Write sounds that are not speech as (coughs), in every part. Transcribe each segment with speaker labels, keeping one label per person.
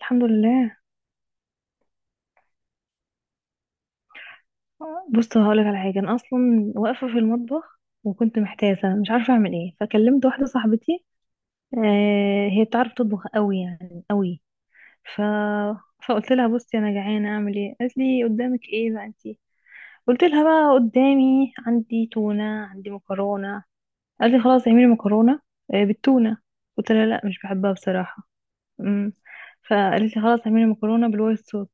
Speaker 1: الحمد لله. بص هقولك على حاجه، انا اصلا واقفه في المطبخ وكنت محتاسه مش عارفه اعمل ايه، فكلمت واحده صاحبتي. آه، هي بتعرف تطبخ قوي، يعني قوي. ف فقلت لها: بصي انا جعانه اعمل ايه؟ قالت لي: قدامك ايه بقى انتي؟ قلت لها: بقى قدامي عندي تونه، عندي مكرونه. قالت لي: خلاص اعملي مكرونه. آه بالتونه؟ قلت لها: لا مش بحبها بصراحه. امم فقالت لي: خلاص اعملي مكرونه بالوايت صوص.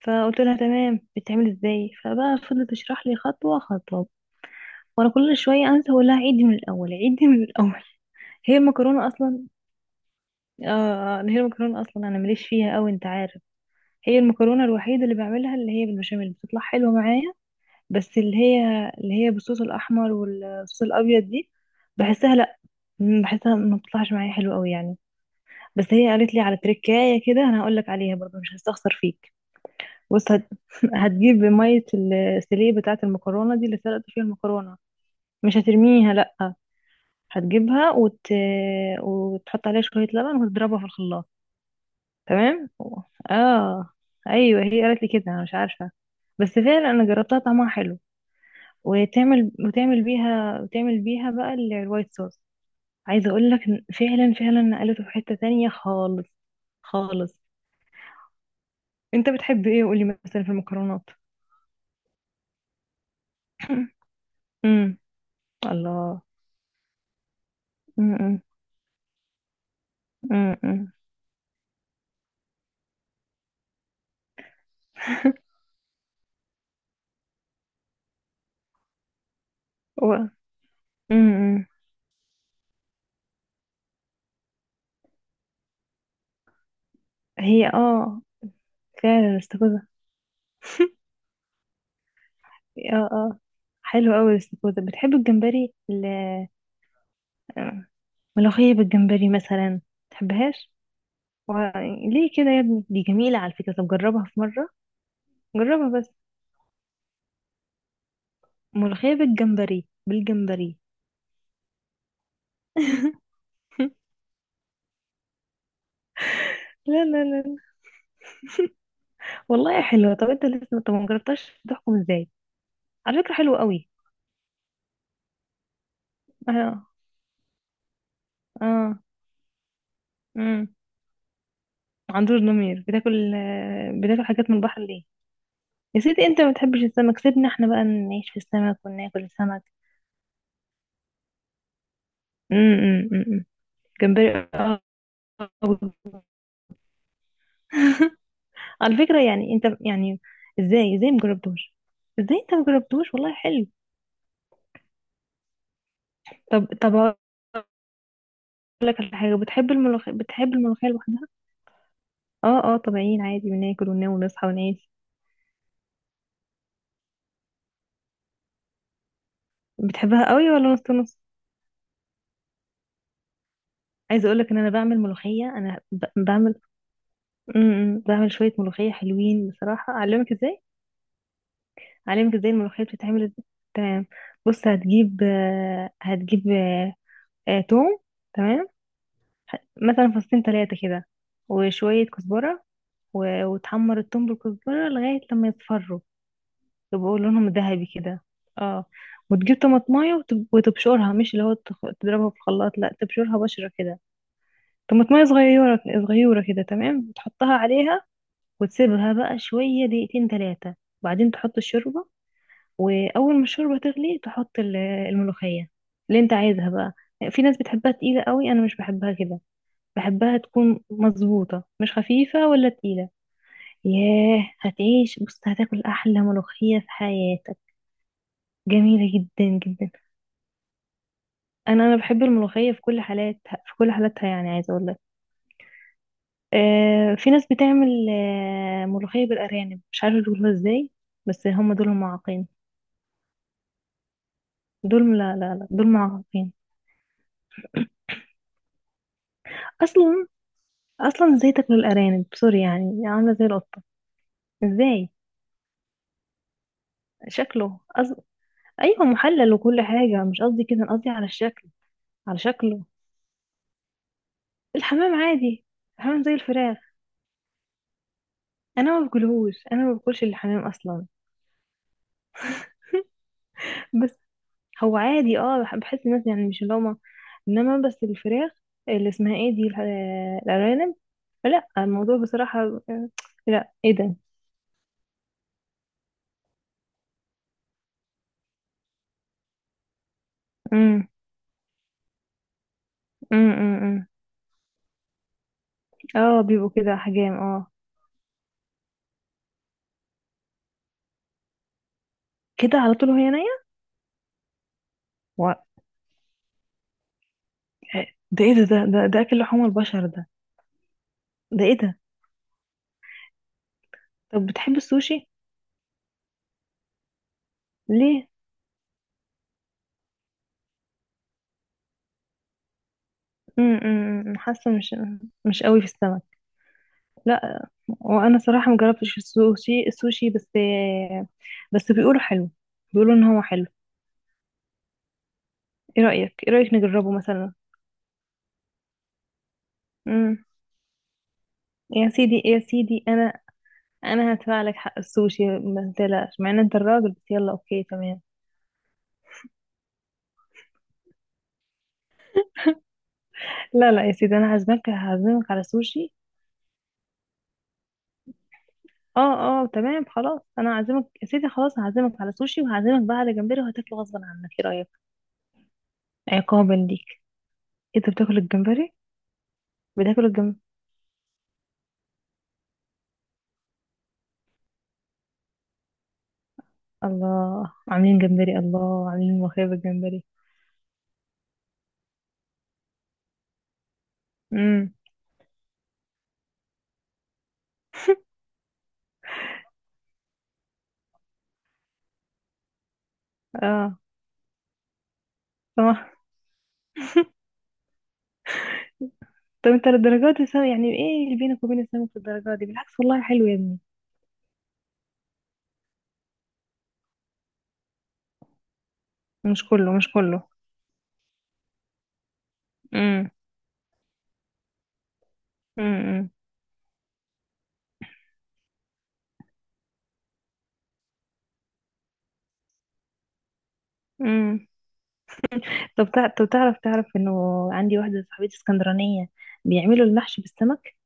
Speaker 1: فقلت لها: تمام بتعمل ازاي؟ فبقى فضلت تشرح لي خطوة خطوة، وانا كل شوية انسى اقول لها: عيدي من الاول، عيدي من الاول. هي المكرونة اصلا. آه، هي المكرونة اصلا انا ماليش فيها قوي انت عارف. هي المكرونة الوحيدة اللي بعملها، اللي هي بالبشاميل، بتطلع حلوة معايا. بس اللي هي بالصوص الاحمر والصوص الابيض دي، بحسها لا، بحسها ما بتطلعش معايا حلوة قوي يعني. بس هي قالت لي على تركاية كده، انا هقول لك عليها برضه، مش هستخسر فيك. بص (laughs) هتجيب مية السلية بتاعة المكرونة دي اللي سلقت فيها المكرونة، مش هترميها لأ، هتجيبها وتحط عليها شوية لبن وتضربها في الخلاط. تمام. اه. ايوه هي قالت لي كده، انا مش عارفة، بس فعلا انا جربتها طعمها حلو. وتعمل بيها بقى الوايت صوص. عايزة اقول لك إن فعلا فعلا نقلته في حتة تانية خالص. خالص. انت بتحب ايه قولي مثلا في المكرونات؟ (clears throat) (coughs) امم الله. امم. امم. و... امم هي. اه. فعلا الاستاكوزا. اه اه. حلو قوي الاستاكوزا. بتحب الجمبري آه، ملوخية بالجمبري مثلا؟ تحبهاش؟ و... ليه كده يا ابني، دي جميلة على فكرة، طب جربها في مرة. جربها بس، ملوخية بالجمبري (laughs) لا لا لا لا. والله حلوة. طب انت لسه طب ما جربتهاش تحكم ازاي؟ على فكرة حلوة قوي. اه اه. امم. عندور ضمير، بتاكل بتاكل حاجات من البحر ليه؟ يا سيدي، انت ما بتحبش السمك، سيبنا احنا بقى نعيش في السمك وناكل السمك. امم. امم. جمبري. على فكرة يعني انت يعني، ازاي مجربتوش؟ ازاي انت مجربتوش، والله حلو. طب هقول لك على حاجة. بتحب الملوخية؟ بتحب الملوخية لوحدها؟ اه اه. طبيعيين عادي، بناكل وننام ونصحى ونعيش. بتحبها قوي ولا نص نص؟ عايزة اقول لك ان انا بعمل ملوخية، بعمل بعمل شوية ملوخية حلوين بصراحة، اعلمك ازاي. هعلمك ازاي الملوخية بتتعمل ازاي. تمام. بص هتجيب توم. تمام. مثلا فصين تلاتة كده، وشوية كزبرة، وتحمر التوم بالكزبرة لغاية لما يصفروا، يبقوا لونهم ذهبي كده. اه. وتجيب طماطماية وتبشرها، مش اللي هو تضربها في الخلاط، لا تبشرها بشرة كده. طماطماية صغيرة، صغيرة كده، تمام، وتحطها عليها، وتسيبها بقى شوية دقيقتين تلاتة، وبعدين تحط الشوربة. واول ما الشوربه تغلي تحط الملوخيه اللي انت عايزها بقى. في ناس بتحبها تقيله قوي، انا مش بحبها كده. بحبها تكون مظبوطه، مش خفيفه ولا تقيله. ياه هتعيش، بص هتاكل احلى ملوخيه في حياتك، جميله جدا جدا. انا بحب الملوخيه في كل حالاتها، في كل حالاتها، يعني عايزه اقول لك، آه في ناس بتعمل آه ملوخيه بالارانب، مش عارفه يقولوها ازاي، بس هم دول معاقين. دول لا لا لا، دول معاقين اصلا. اصلا ازاي تاكلوا الارانب، سوري يعني عامله زي القطه. ازاي شكله ايوه محلل وكل حاجه، مش قصدي كده، أنا قصدي على الشكل، على شكله. الحمام عادي. الحمام زي الفراخ، انا ما باكلهوش، انا ما باكلش الحمام اصلا. بس هو عادي، اه بحس الناس يعني مش اللي هما، انما بس الفراخ اللي اسمها ايه دي، الارانب، لا الموضوع بصراحه، آه، لا ايه ده. امم. امم. امم. إمم. اه بيبقوا كده حجام، اه. كده على طول وهي نايمه. ده ايه ده، ده اكل لحوم البشر ده. ده ايه ده. طب بتحب السوشي؟ ليه؟ امم. أمم، حاسه مش مش قوي في السمك. لا وانا صراحه مجربتش السوشي، بس، بس بيقولوا حلو، بيقولوا ان هو حلو. ايه رايك، نجربه مثلا؟ امم. يا سيدي، انا هدفع لك حق السوشي ما تقلقش، مع ان انت الراجل، بس يلا اوكي تمام. لا لا يا سيدي، انا هعزمك، هعزمك على سوشي. اه اه تمام خلاص، انا هعزمك يا سيدي، خلاص هعزمك على سوشي، وهعزمك بقى على جمبري وهتاكله غصبا عنك، ايه رايك؟ عقابا ليك. إيه، انت بتاكل الجمبري؟ بتاكل الجمبري. الله عاملين جمبري، الله عاملين ملوخيه بالجمبري. امم. اه. طب طب انت للدرجات دي يعني ايه اللي بينك وبين السمك في الدرجات دي؟ بالعكس والله حلو يا ابني. مش كله، مش كله. امم. امم. امم. طب طب تعرف، تعرف انه عندي واحده صاحبتي اسكندرانيه بيعملوا المحشي بالسمك،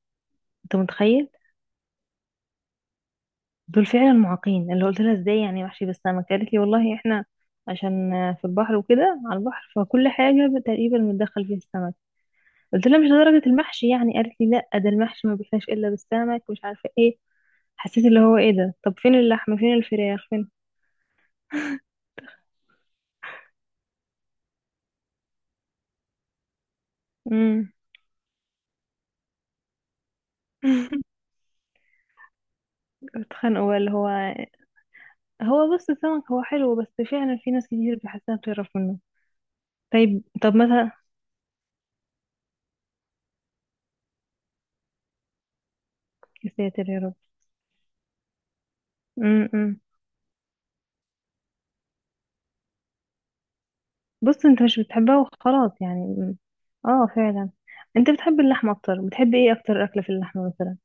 Speaker 1: انت متخيل؟ دول فعلا معاقين. اللي قلت لها: ازاي يعني وحشي بالسمك؟ قالت لي: والله احنا عشان في البحر وكده على البحر، فكل حاجة تقريبا متدخل فيها السمك. قلت لها: مش لدرجة المحشي يعني، قالت لي: لا ده المحشي ما بيحلاش الا بالسمك، مش عارفة ايه. حسيت اللي هو ايه ده، طب فين اللحمة، فين الفراخ، فين. امم. (laughs) اتخانقوا بقى اللي هو. هو بص السمك هو حلو، بس فعلا في ناس كتير بحسها بتعرف منه. طيب. طب مثلا. يا ساتر يا رب. امم. بص انت مش بتحبها وخلاص يعني، اه فعلا. انت بتحب اللحمة اكتر، بتحب ايه اكتر اكلة في اللحمة مثلا؟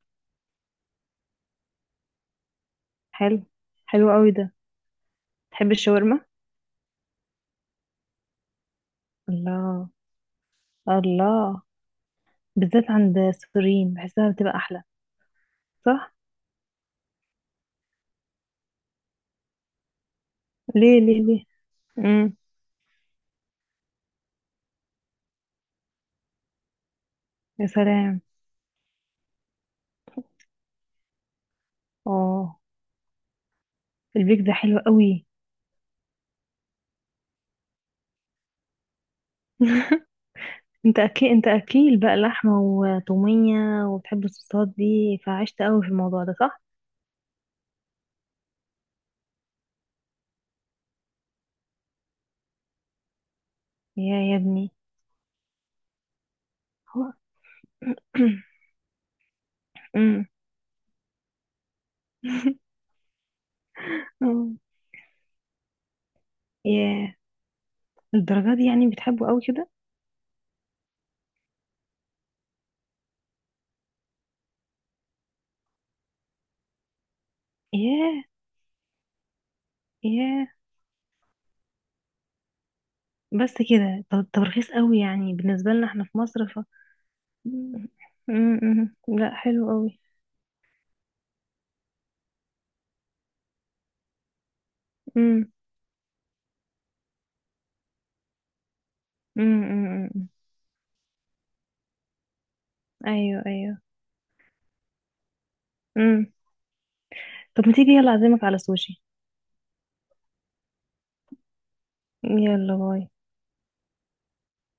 Speaker 1: حلو. حلو قوي ده. تحب الشاورما؟ الله. الله بالذات عند السوريين بحسها بتبقى احلى. صح. ليه ليه ليه؟ امم. يا سلام. اه البيك ده حلو قوي. (laughs) انت اكيل، انت اكيل بقى لحمة وطومية، وبتحب الصوصات دي، فعشت قوي في الموضوع ده صح. يا ابني هو- (clears throat) أمم. (laughs) ياه. الدرجة دي يعني بتحبه قوي كده. ياه. ياه. بس كده. طب طب رخيص قوي يعني بالنسبة لنا احنا في مصر، ف م- م- م. لا حلو قوي. م- م. ايوه ايوه. م. طب ما تيجي يلا اعزمك على سوشي. يلا باي.